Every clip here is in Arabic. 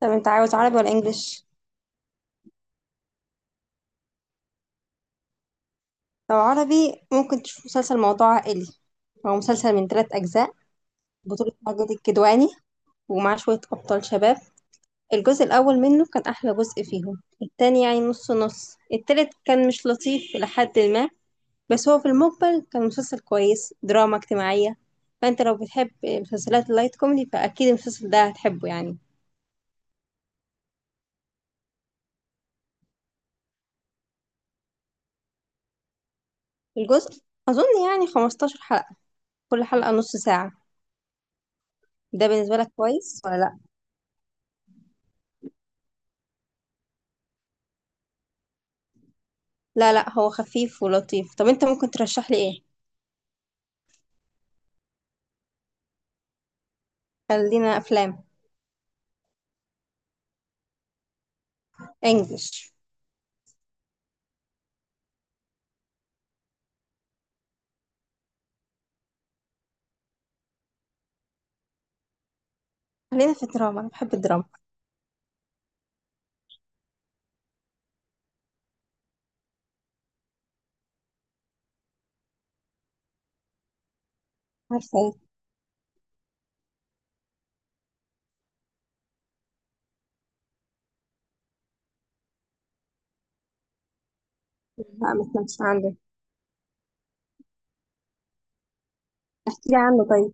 طب انت عاوز عربي ولا انجليش؟ لو عربي ممكن تشوف مسلسل موضوع عائلي. هو مسلسل من ثلاث اجزاء، بطولة ماجد الكدواني ومعاه شوية أبطال شباب. الجزء الأول منه كان أحلى جزء فيهم، التاني يعني نص نص، التالت كان مش لطيف إلى حد ما. بس هو في المقبل كان مسلسل كويس، دراما اجتماعية. فأنت لو بتحب مسلسلات اللايت كوميدي فأكيد المسلسل ده هتحبه يعني. الجزء أظن يعني 15 حلقة، كل حلقة نص ساعة. ده بالنسبة لك كويس ولا لأ؟ لا لا هو خفيف ولطيف. طب انت ممكن ترشح لي ايه؟ خلينا افلام. انجلش. خلينا في الدراما، انا بحب الدراما. عارفه ايه؟ لا ما سمعتش عنه. احكي لي عنه طيب.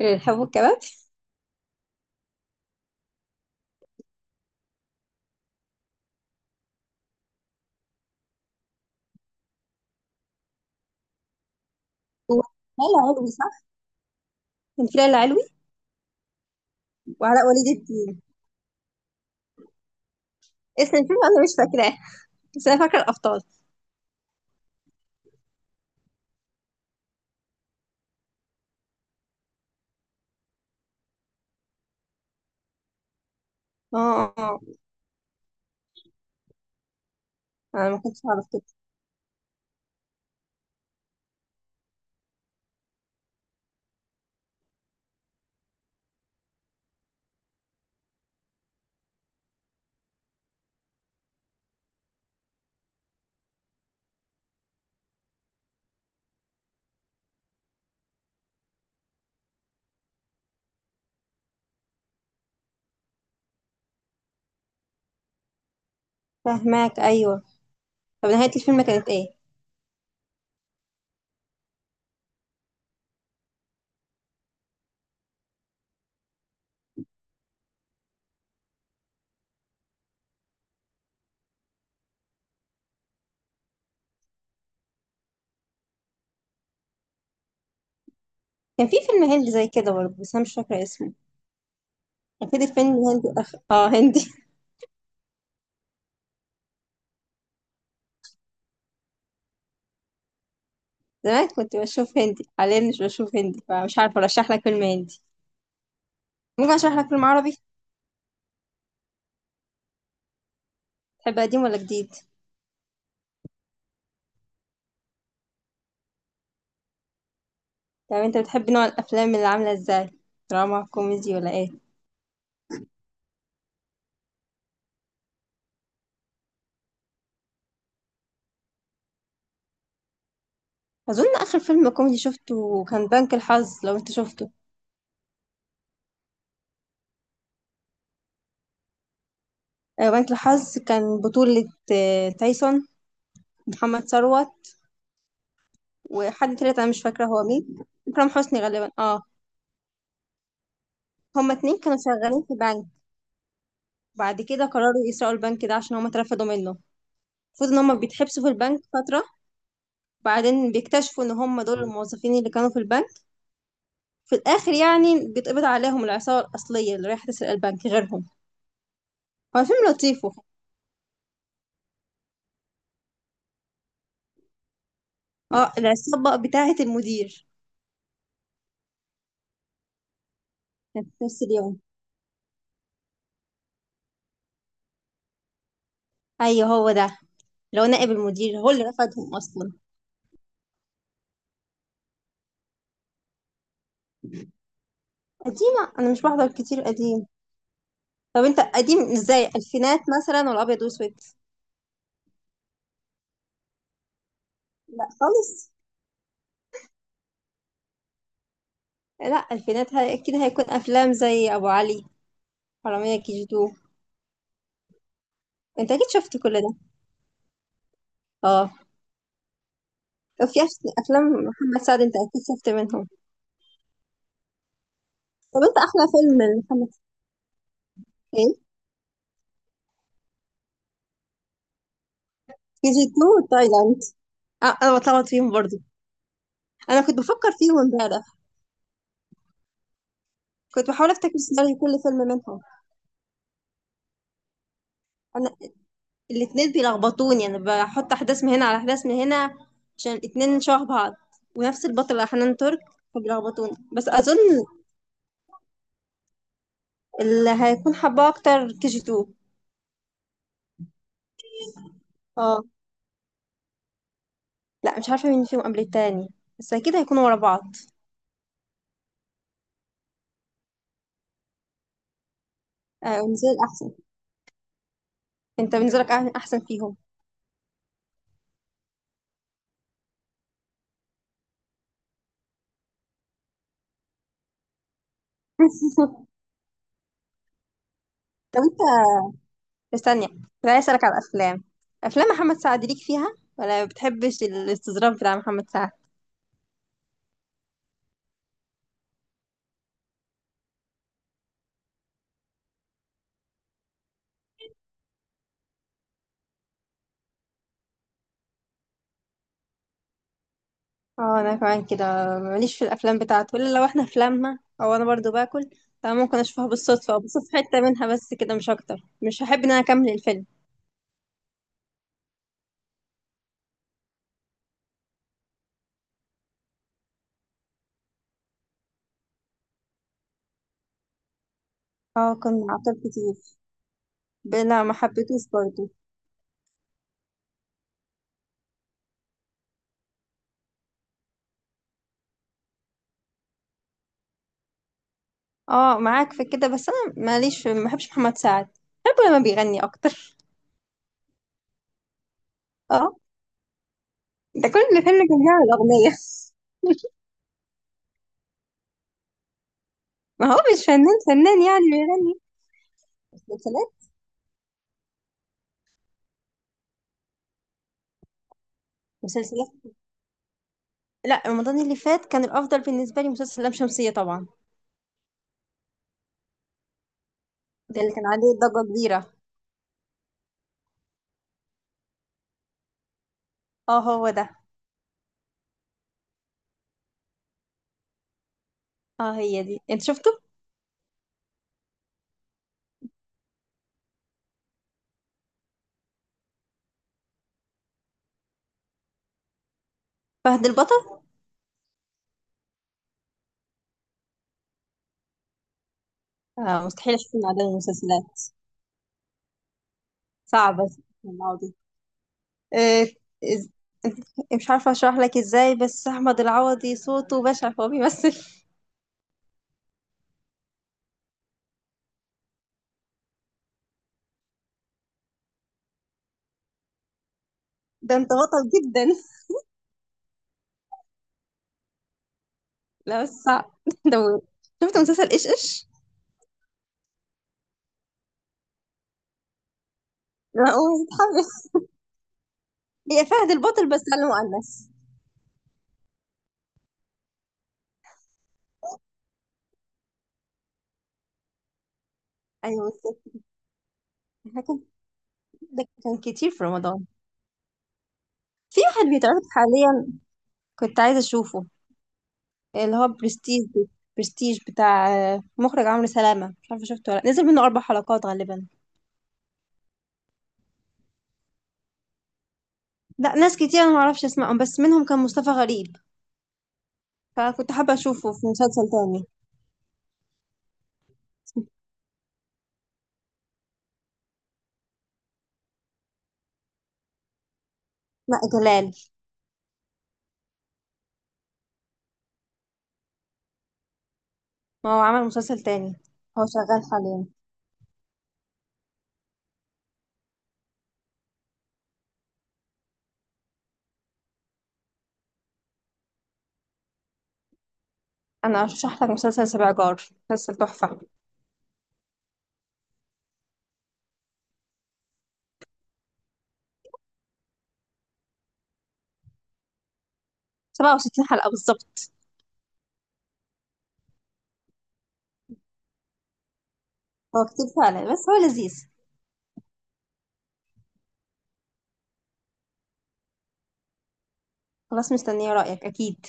إيه، الحب والكباب. هلا علوي صح؟ كان في ليلى علوي وعلاء ولي الدين. اسم الفيلم انا مش فاكراه، بس انا فاكره الابطال. اه اه، انا ما كنتش اعرف كده. فاهماك ايوه. طب نهايه الفيلم كانت ايه؟ كان في فيلم هندي زي كده برضه بس انا مش فاكره اسمه. كان في فيلم هندي اه هندي. زمان كنت بشوف هندي، حاليا مش بشوف هندي فمش عارفة أرشح لك فيلم هندي. ممكن أشرح لك فيلم عربي. تحب قديم ولا جديد؟ طب أنت بتحب نوع الأفلام اللي عاملة إزاي؟ دراما كوميدي ولا إيه؟ أظن آخر فيلم كوميدي شفته كان بنك الحظ، لو أنت شفته. بنك الحظ كان بطولة تايسون، محمد ثروت، وحد تالت أنا مش فاكرة هو مين. إكرام حسني غالبا، آه. هما اتنين كانوا شغالين في بنك، بعد كده قرروا يسرقوا البنك ده عشان هما اترفدوا منه. المفروض ان هما بيتحبسوا في البنك فترة، بعدين بيكتشفوا ان هم دول الموظفين اللي كانوا في البنك. في الاخر يعني بيتقبض عليهم العصابه الاصليه اللي رايحه تسرق البنك غيرهم. هو فيلم لطيف اه، العصابه بتاعه المدير. كانت في نفس اليوم. ايوه هو ده، لو نائب المدير هو اللي رفضهم اصلا. قديمه انا مش بحضر كتير قديم. طب انت قديم ازاي؟ الفينات مثلا ولا ابيض واسود؟ لا خالص. لا الفينات اكيد هيكون افلام زي ابو علي، حراميه كي جي تو. انت اكيد شفت كل ده. اه، وفي افلام محمد سعد انت اكيد شفت منهم. طب انت احلى فيلم لمحمد. سلام. كي جي 2 وتايلاند. اه، انا بتلخبط فيهم برضو. انا كنت بفكر فيهم امبارح، كنت بحاول افتكر سيناريو كل فيلم منهم. انا الاتنين بيلخبطوني، انا بحط احداث من هنا على احداث من هنا عشان الاتنين شبه بعض، ونفس البطلة حنان ترك. فبيلخبطوني بس اظن اللي هيكون حباه اكتر كي جي 2. اه. لا مش عارفة مين فيهم قبل التاني، بس اكيد هيكونوا ورا بعض. آه بالنسبة لي احسن. انت بالنسبة لك احسن فيهم؟ طب انت، بس ثانية. أنا عايز أسألك على الأفلام. أفلام محمد سعد ليك فيها، ولا ما بتحبش الاستظراف بتاع محمد سعد؟ اه أنا كمان كده، ماليش في الأفلام بتاعته إلا لو احنا في لمة أو أنا برضو باكل، فممكن أشوفها بالصدفة أو بشوف حتة منها بس كده، مش أكتر. مش هحب إن أنا أكمل الفيلم. اه كان عطل كتير، بلا ما حبيتوش برضو. اه معاك في كده، بس أنا ماليش في، ما بحبش محمد سعد. بحبه لما بيغني أكتر. اه، ده كل فيلم كان بيعمل أغنية. ما هو مش فنان فنان يعني بيغني. مسلسلات. مسلسلات. لا رمضان اللي فات كان الافضل بالنسبه لي مسلسل لام شمسيه طبعا. ده اللي كان عليه ضجه كبيره. اه هو ده. اه، هي دي انت شفته؟ فهد البطل. اه مستحيل اشوف من عدد المسلسلات، صعبه. العوضي، آه إز- مش عارفه اشرح لك ازاي، بس احمد العوضي صوته بشع فهو بيمثل. ده انت بطل جدا. لا بس صعب، ده. شفت مسلسل ايش ايش؟ لا هو متحمس، هي فهد البطل بس على مؤنث. ايوه بالظبط. ده كان، ده كان كتير في رمضان. في واحد بيتعرض حاليا، كنت عايزة اشوفه. اللي هو برستيج. برستيج بتاع مخرج عمرو سلامة، مش عارفة شفته ولا لأ. نزل منه اربع حلقات غالبا. لا، ناس كتير انا معرفش اسمائهم بس منهم كان مصطفى غريب، فكنت حابة اشوفه في مسلسل تاني. لا جلال. ما هو عمل مسلسل تاني، هو شغال حاليا. انا ارشح لك مسلسل سبع جار، مسلسل تحفة. 67 حلقة بالظبط. هو كتير فعلا بس هو لذيذ. خلاص مستنية رأيك اكيد.